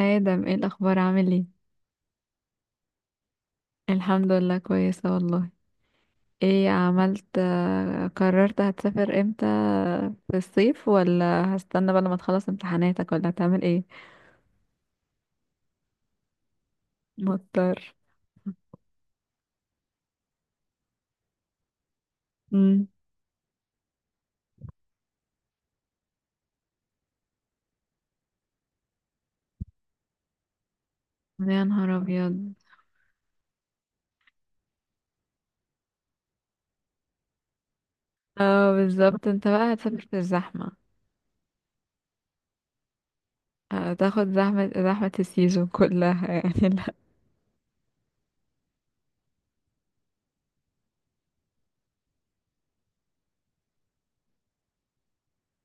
آدم، ايه الأخبار؟ عامل ايه؟ الحمد لله، كويسة والله. ايه عملت؟ قررت، هتسافر امتى؟ في الصيف، ولا هستنى بقى لما تخلص امتحاناتك، ولا هتعمل ايه؟ مضطر. امم. يا نهار ابيض! اه بالظبط، انت بقى هتسافر في الزحمة. هتاخد زحمة، زحمة السيزون كلها. يعني لا.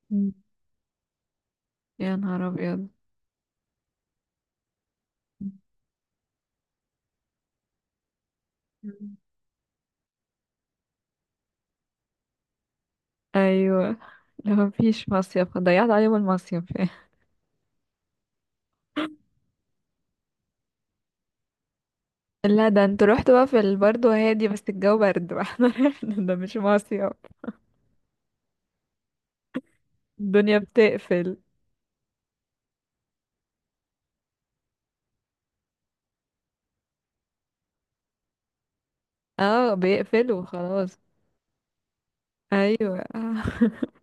مم. يا نهار ابيض. مم. ايوه. لو مفيش مصيف، ضيعت عليهم المصيف. لا، ده انتوا رحتوا بقى في برضه هادي، بس الجو برد بقى. احنا رحنا ده مش مصيف. الدنيا بتقفل. اه، بيقفلوا خلاص. ايوه.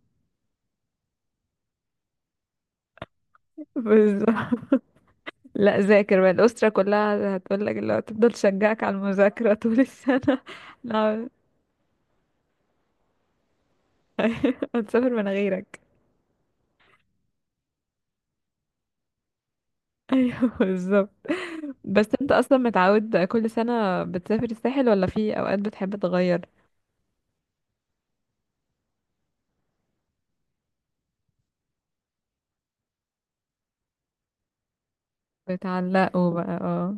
بالظبط. لا ذاكر بقى، الاسره كلها هتقول لك اللي هو تفضل، تشجعك على المذاكره طول السنه. لا. أيوة، هتسافر من غيرك. ايوه بالظبط. بس انت اصلا متعود كل سنه بتسافر الساحل، ولا في اوقات بتحب تغير؟ بتعلقوا بقى، اه.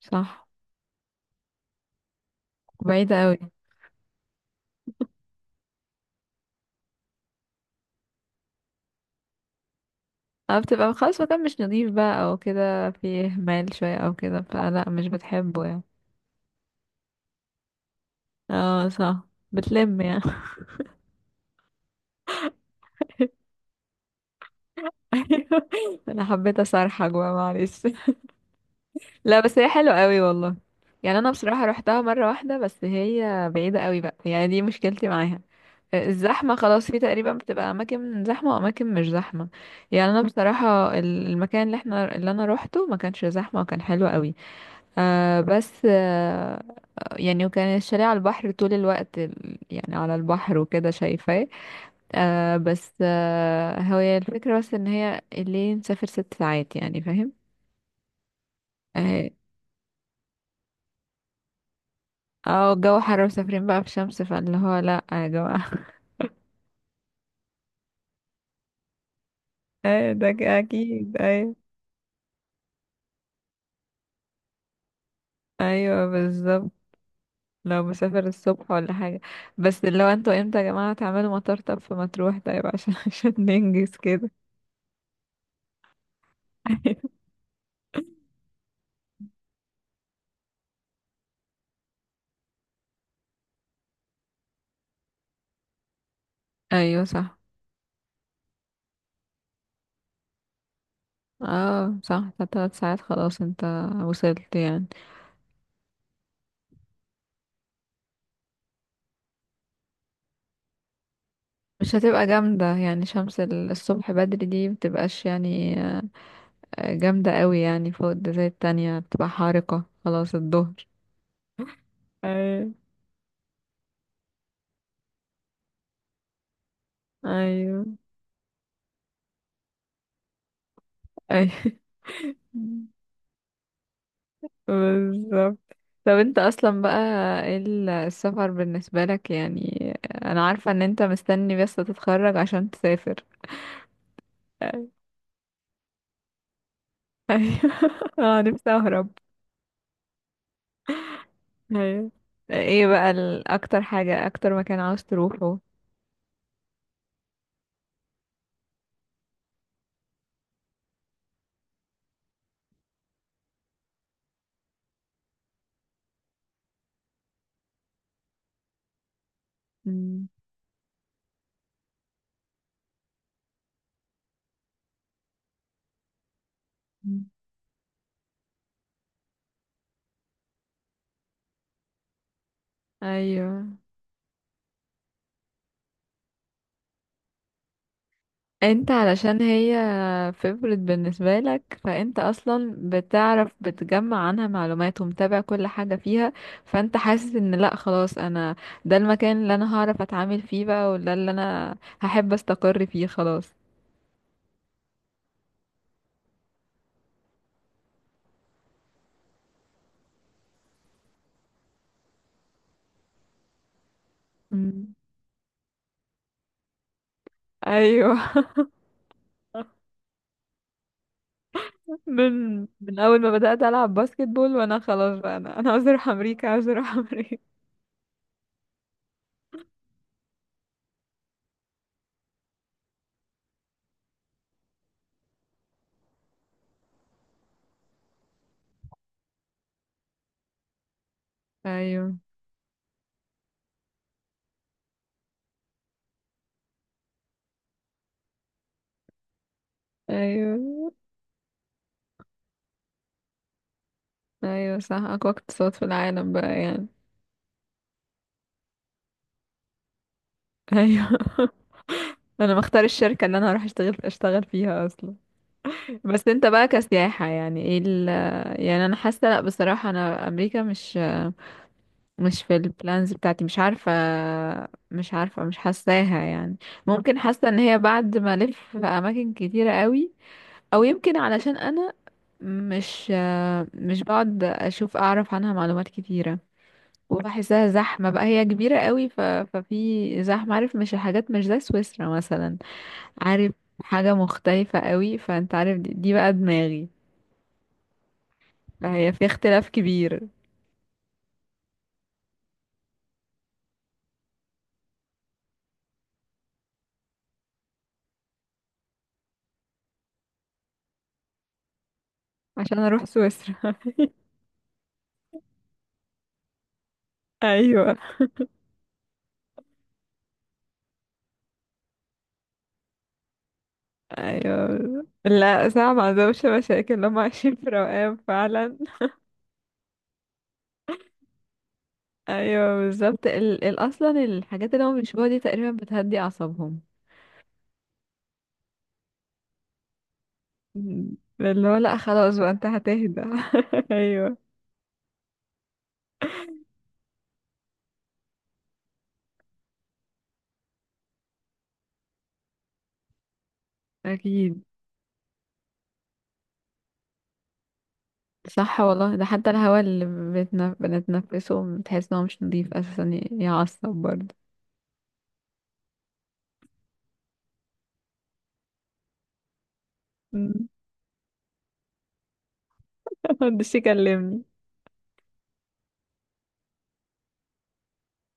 صح. بعيدة قوي. اه، بتبقى خلاص مكان مش نضيف بقى، او كده فيه مال شوية او كده، فلا مش بتحبه يعني. اه صح. بتلم يعني. ايوه. انا حبيت اصرحك بقى، معلش. لا، بس هي حلوة قوي والله. يعني انا بصراحة روحتها مرة واحدة، بس هي بعيدة قوي بقى يعني، دي مشكلتي معاها. الزحمة خلاص، في تقريبا بتبقى أماكن زحمة وأماكن مش زحمة. يعني أنا بصراحة المكان اللي احنا اللي أنا روحته ما كانش زحمة، وكان حلو قوي. آه، بس آه، يعني وكان الشاليه على البحر طول الوقت، يعني على البحر وكده، شايفاه. آه، بس آه، هي الفكرة، بس ان هي الليل مسافر 6 ساعات، يعني فاهم. اه. آه، الجو حر ومسافرين بقى في شمس، فاللي هو لا يا جماعة. ايه ده، اكيد ايوه. ايوه بالظبط. لو مسافر الصبح ولا حاجة. بس اللي هو انتوا امتى يا جماعة تعملوا مطار طب في مطروح، طيب؟ عشان عشان ننجز كده. ايوه صح. اه صح، فتلات ساعات خلاص انت وصلت يعني. مش هتبقى جامدة، يعني شمس الصبح بدري دي مبتبقاش يعني جامدة قوي، يعني فوق ده زي التانية بتبقى حارقة خلاص الظهر. ايوه. ايوه. ايوه. بالظبط. طب انت اصلا بقى، ايه السفر بالنسبة لك يعني؟ انا عارفة ان انت مستني بس تتخرج عشان تسافر. ايوه. أيوة. اه، نفسي اهرب. ايوه. ايه بقى اكتر حاجة، اكتر مكان عاوز تروحه؟ مم. مم. ايوه. انت علشان هي فيفورت بالنسبة لك، فانت اصلا بتعرف، بتجمع عنها معلومات ومتابع كل حاجة فيها، فانت حاسس ان لا خلاص، انا ده المكان اللي انا هعرف اتعامل فيه بقى، وده اللي انا هحب استقر فيه خلاص. مم. ايوه. من اول ما بدأت العب باسكت بول وانا خلاص بقى، انا عاوز اروح امريكا، عاوز اروح امريكا. ايوه. ايوه. ايوه صح، اقوى اقتصاد في العالم بقى يعني. ايوه. انا مختار الشركه اللي انا هروح اشتغل فيها اصلا. بس انت بقى كسياحه، يعني ايه ال؟ يعني انا حاسه لا، بصراحه انا امريكا مش في البلانز بتاعتي، مش عارفه، مش عارفه، مش حاساها يعني. ممكن حاسه ان هي بعد ما الف في اماكن كتيره قوي، او يمكن علشان انا مش مش بقعد اشوف اعرف عنها معلومات كتيره، وبحسها زحمة بقى، هي كبيرة قوي ففي زحمة، عارف؟ مش حاجات مش زي سويسرا مثلا، عارف؟ حاجة مختلفة قوي، فانت عارف دي بقى دماغي. فهي في اختلاف كبير. عشان اروح سويسرا. ايوه. ايوه. لا صعب، ما عندهمش مشاكل، هم عايشين في روقان فعلا. ايوه بالظبط، اصلا الحاجات اللي هم بيشبهوها دي تقريبا بتهدي اعصابهم. اللي هو لا خلاص بقى، انت هتهدى. ايوه، اكيد. صح والله، ده حتى الهواء اللي بنتنفسه، بتحس ان هو مش نضيف اساسا، يعصب برضه. مم. محدش يكلمني.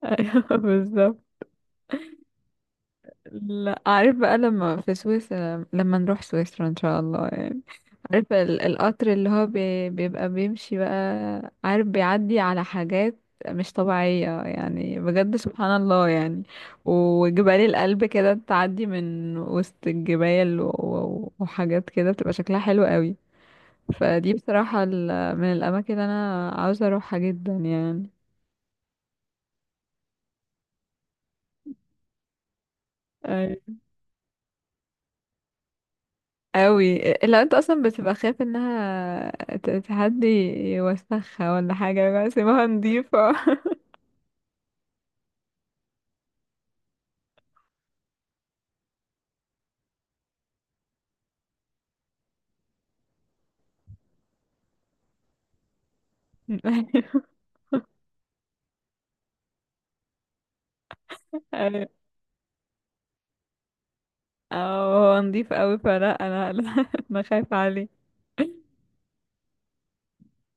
ايوه بالظبط. لا عارف بقى لما في سويسرا، لما نروح سويسرا ان شاء الله يعني، عارف القطر اللي هو بيبقى بيمشي بقى، عارف بيعدي على حاجات مش طبيعية يعني، بجد سبحان الله يعني. وجبال القلب كده، تعدي من وسط الجبال وحاجات كده بتبقى شكلها حلو قوي. فدي بصراحة من الأماكن اللي أنا عاوزة أروحها جدا يعني. أي. أوي. لو أنت أصلا بتبقى خايف إنها تهدي، يوسخها ولا حاجة، بقى سيبها نضيفة. أي. أو هو نضيف أوي، فلا أنا لا، أنا خايفة عليه.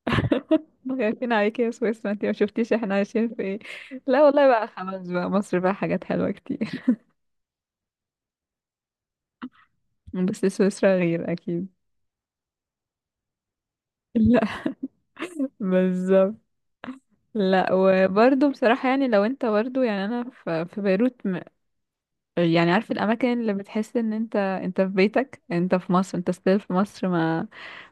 احنا خايفين عليكي يا سويسرا، انتي ما شفتيش احنا عايشين في ايه. لا والله، بقى خلاص بقى مصر بقى، حاجات حلوة كتير. بس سويسرا غير أكيد. لا بالظبط. لا وبرضه بصراحة يعني، لو انت برضه، يعني انا في بيروت يعني عارف الاماكن اللي بتحس ان انت في بيتك، انت في مصر، انت ستيل في مصر، ما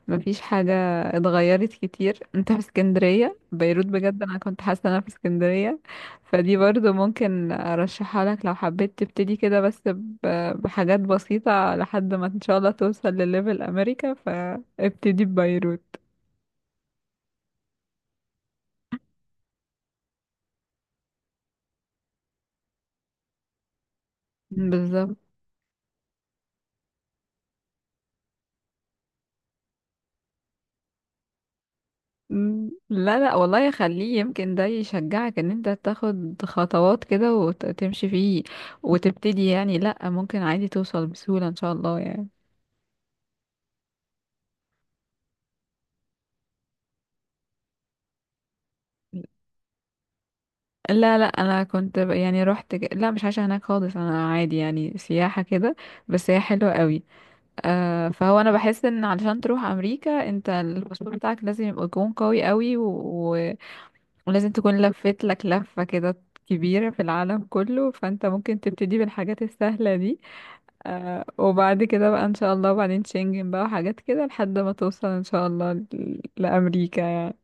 ما فيش حاجة اتغيرت كتير، انت في اسكندرية بيروت، بجد انا كنت حاسة ان انا في اسكندرية. فدي برضه ممكن ارشحها لك لو حبيت تبتدي كده، بس بحاجات بسيطة لحد ما ان شاء الله توصل لليفل امريكا، فابتدي ببيروت. بالظبط. مم. لا لا والله يخليه، يمكن ده يشجعك ان انت تاخد خطوات كده وتمشي فيه وتبتدي يعني، لا ممكن عادي توصل بسهولة ان شاء الله يعني. لا لا، انا كنت يعني رحت، لا مش عايشة هناك خالص انا، عادي يعني سياحة كده. بس هي حلوة قوي. آه فهو، انا بحس ان علشان تروح امريكا انت، الباسبور بتاعك لازم يبقى يكون قوي قوي، و... ولازم تكون لفت لك لفة كده كبيرة في العالم كله، فانت ممكن تبتدي بالحاجات السهلة دي. آه وبعد كده بقى ان شاء الله، وبعدين شنجن بقى وحاجات كده، لحد ما توصل ان شاء الله لامريكا يعني.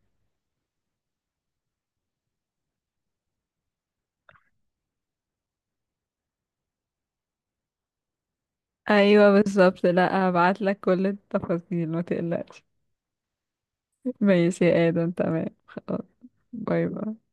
ايوه بالظبط، لا هبعت لك كل التفاصيل ما تقلقش. ماشي يا ادم، تمام خلاص. باي باي.